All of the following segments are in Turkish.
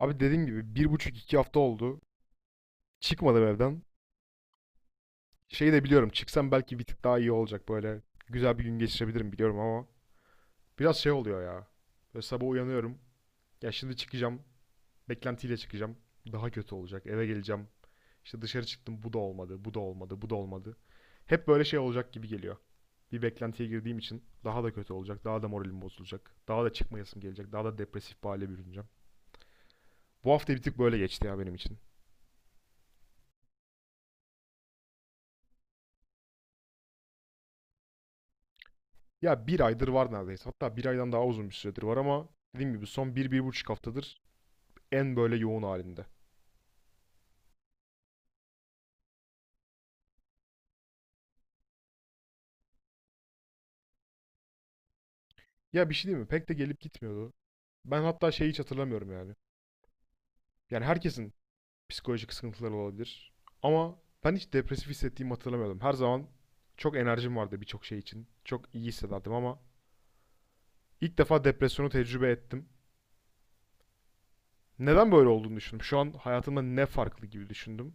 Abi dediğim gibi bir buçuk iki hafta oldu. Çıkmadım evden. Şeyi de biliyorum çıksam belki bir tık daha iyi olacak böyle. Güzel bir gün geçirebilirim biliyorum ama biraz şey oluyor ya. Böyle sabah uyanıyorum. Ya şimdi çıkacağım. Beklentiyle çıkacağım. Daha kötü olacak. Eve geleceğim. İşte dışarı çıktım bu da olmadı, bu da olmadı, bu da olmadı. Hep böyle şey olacak gibi geliyor. Bir beklentiye girdiğim için daha da kötü olacak, daha da moralim bozulacak, daha da çıkmayasım gelecek, daha da depresif bir hale bürüneceğim. Bu hafta bir tık böyle geçti ya benim için. Ya bir aydır var neredeyse. Hatta bir aydan daha uzun bir süredir var ama dediğim gibi son bir, bir buçuk haftadır en böyle yoğun halinde. Ya bir şey değil mi? Pek de gelip gitmiyordu. Ben hatta şeyi hiç hatırlamıyorum yani. Yani herkesin psikolojik sıkıntıları olabilir. Ama ben hiç depresif hissettiğimi hatırlamıyordum. Her zaman çok enerjim vardı birçok şey için. Çok iyi hissederdim ama ilk defa depresyonu tecrübe ettim. Neden böyle olduğunu düşündüm. Şu an hayatımda ne farklı gibi düşündüm.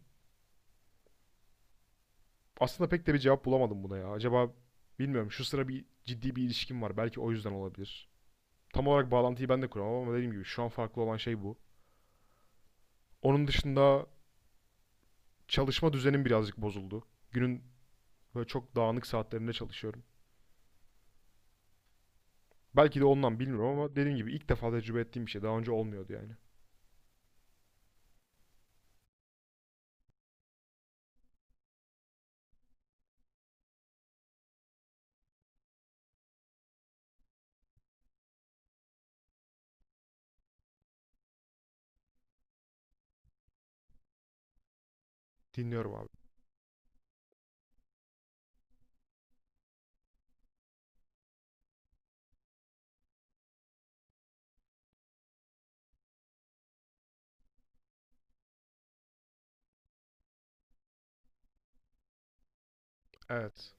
Aslında pek de bir cevap bulamadım buna ya. Acaba bilmiyorum şu sıra bir ciddi bir ilişkim var. Belki o yüzden olabilir. Tam olarak bağlantıyı ben de kuramam ama dediğim gibi şu an farklı olan şey bu. Onun dışında çalışma düzenim birazcık bozuldu. Günün böyle çok dağınık saatlerinde çalışıyorum. Belki de ondan bilmiyorum ama dediğim gibi ilk defa tecrübe ettiğim bir şey. Daha önce olmuyordu yani. Dinliyorum abi. Evet.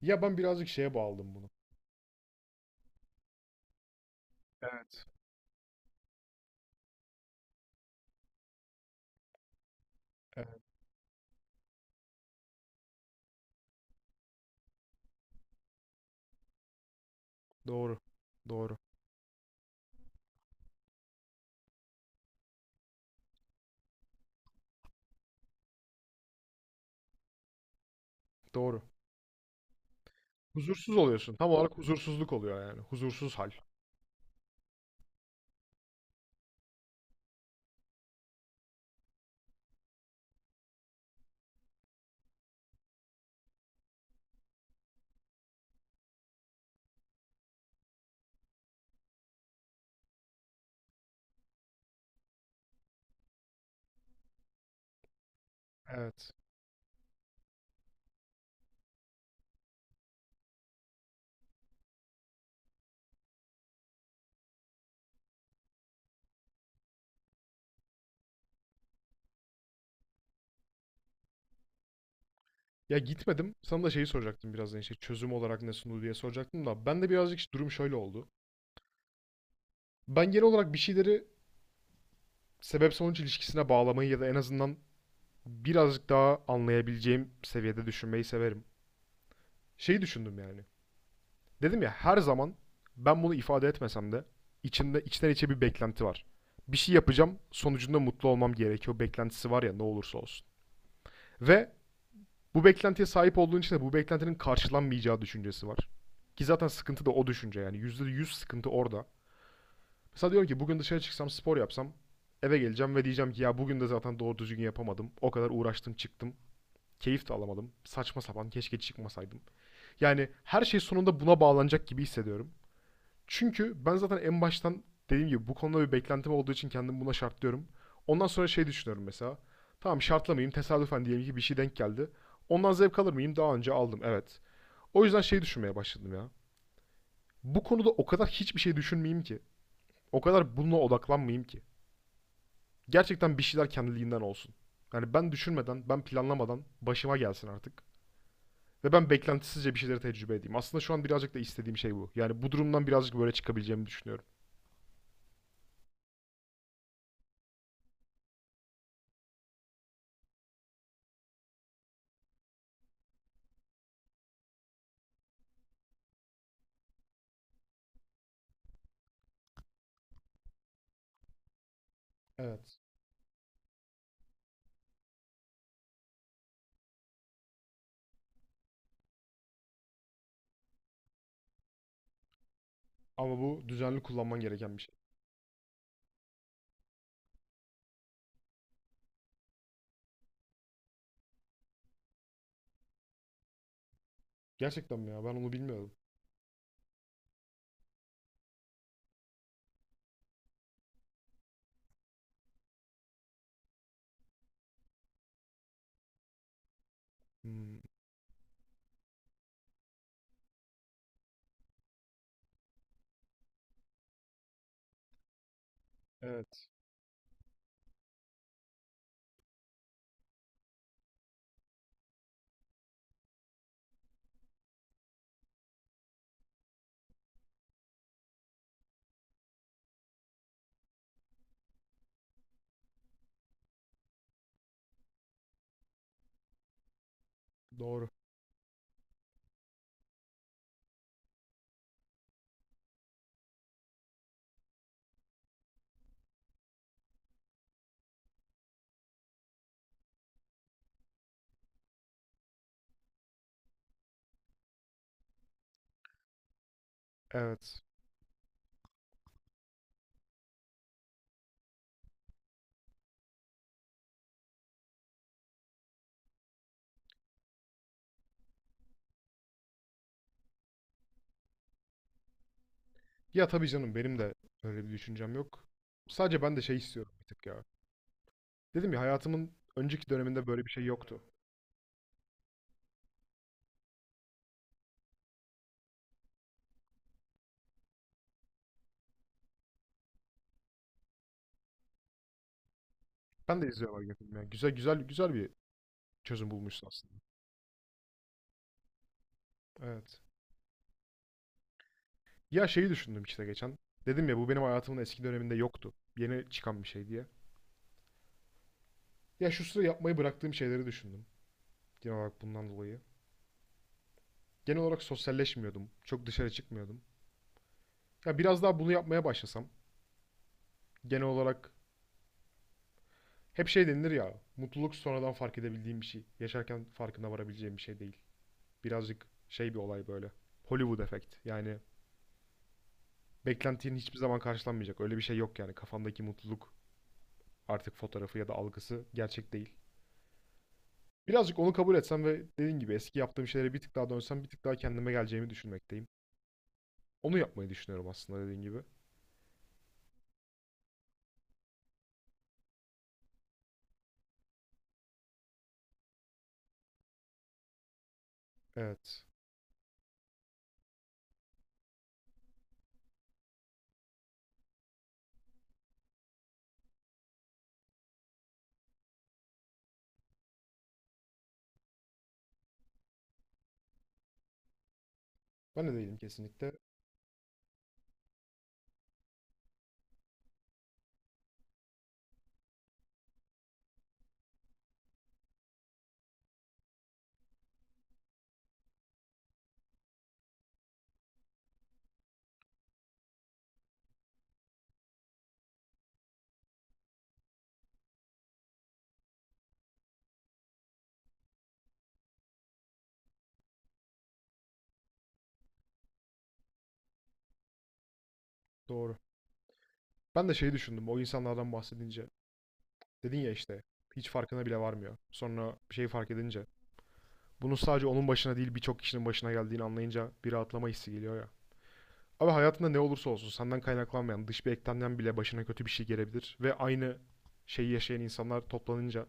Ya ben birazcık şeye bağladım bunu. Evet. Evet. Doğru. Doğru. Doğru. Huzursuz oluyorsun. Tam olarak huzursuzluk oluyor yani. Huzursuz hal. Evet. Ya gitmedim. Sana da şeyi soracaktım birazdan işte çözüm olarak ne sundu diye soracaktım da ben de birazcık işte durum şöyle oldu. Ben genel olarak bir şeyleri sebep sonuç ilişkisine bağlamayı ya da en azından birazcık daha anlayabileceğim seviyede düşünmeyi severim. Şeyi düşündüm yani. Dedim ya her zaman ben bunu ifade etmesem de içimde içten içe bir beklenti var. Bir şey yapacağım, sonucunda mutlu olmam gerekiyor beklentisi var ya ne olursa olsun. Ve bu beklentiye sahip olduğun için de bu beklentinin karşılanmayacağı düşüncesi var. Ki zaten sıkıntı da o düşünce yani. Yüzde yüz sıkıntı orada. Mesela diyorum ki bugün dışarı çıksam spor yapsam eve geleceğim ve diyeceğim ki ya bugün de zaten doğru düzgün yapamadım. O kadar uğraştım çıktım. Keyif de alamadım. Saçma sapan keşke çıkmasaydım. Yani her şey sonunda buna bağlanacak gibi hissediyorum. Çünkü ben zaten en baştan dediğim gibi bu konuda bir beklentim olduğu için kendimi buna şartlıyorum. Ondan sonra şey düşünüyorum mesela. Tamam şartlamayayım tesadüfen diyelim ki bir şey denk geldi. Ondan zevk alır mıyım? Daha önce aldım evet. O yüzden şey düşünmeye başladım ya. Bu konuda o kadar hiçbir şey düşünmeyeyim ki. O kadar bununla odaklanmayayım ki. Gerçekten bir şeyler kendiliğinden olsun. Yani ben düşünmeden, ben planlamadan başıma gelsin artık. Ve ben beklentisizce bir şeyleri tecrübe edeyim. Aslında şu an birazcık da istediğim şey bu. Yani bu durumdan birazcık böyle çıkabileceğimi düşünüyorum. Evet. Ama bu düzenli kullanman gereken bir şey. Gerçekten mi ya? Ben onu bilmiyordum. Hmm, evet. Doğru. Evet. Ya tabii canım benim de öyle bir düşüncem yok. Sadece ben de şey istiyorum bir tık ya. Dedim ya hayatımın önceki döneminde böyle bir şey yoktu. Ben de izliyorum Argen ya. Güzel güzel güzel bir çözüm bulmuşsun aslında. Evet. Ya şeyi düşündüm işte geçen. Dedim ya bu benim hayatımın eski döneminde yoktu. Yeni çıkan bir şey diye. Ya şu sıra yapmayı bıraktığım şeyleri düşündüm. Genel olarak bundan dolayı. Genel olarak sosyalleşmiyordum. Çok dışarı çıkmıyordum. Ya biraz daha bunu yapmaya başlasam. Genel olarak hep şey denilir ya. Mutluluk sonradan fark edebildiğim bir şey. Yaşarken farkına varabileceğim bir şey değil. Birazcık şey bir olay böyle. Hollywood efekt. Yani beklentinin hiçbir zaman karşılanmayacak. Öyle bir şey yok yani. Kafamdaki mutluluk artık fotoğrafı ya da algısı gerçek değil. Birazcık onu kabul etsem ve dediğim gibi eski yaptığım şeylere bir tık daha dönsem bir tık daha kendime geleceğimi düşünmekteyim. Onu yapmayı düşünüyorum aslında dediğim gibi. Evet. Ben de değilim kesinlikle. Doğru. Ben de şeyi düşündüm o insanlardan bahsedince. Dedin ya işte hiç farkına bile varmıyor. Sonra bir şeyi fark edince. Bunun sadece onun başına değil birçok kişinin başına geldiğini anlayınca bir rahatlama hissi geliyor ya. Abi hayatında ne olursa olsun senden kaynaklanmayan dış bir eklemden bile başına kötü bir şey gelebilir. Ve aynı şeyi yaşayan insanlar toplanınca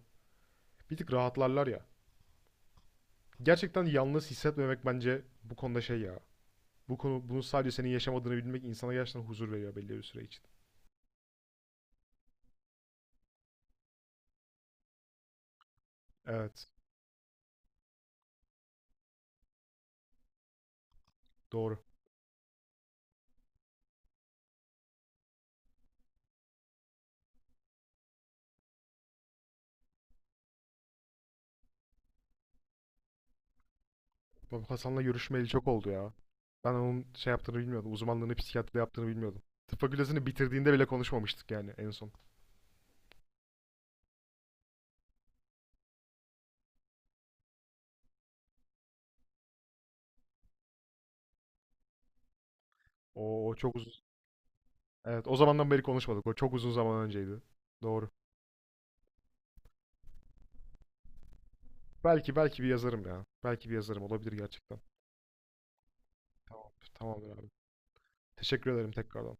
bir tık rahatlarlar ya. Gerçekten yalnız hissetmemek bence bu konuda şey ya. Bu konu bunu sadece senin yaşamadığını bilmek insana gerçekten huzur veriyor belli bir süre için. Evet, doğru. Bak Hasan'la görüşmeyeli çok oldu ya. Ben onun şey yaptığını bilmiyordum. Uzmanlığını psikiyatride yaptığını bilmiyordum. Tıp fakültesini bitirdiğinde bile konuşmamıştık yani en son. O, o çok uzun. Evet, o zamandan beri konuşmadık. O çok uzun zaman önceydi. Doğru. Belki belki bir yazarım ya. Belki bir yazarım olabilir gerçekten. Tamam, tamamdır abi. Teşekkür ederim tekrardan.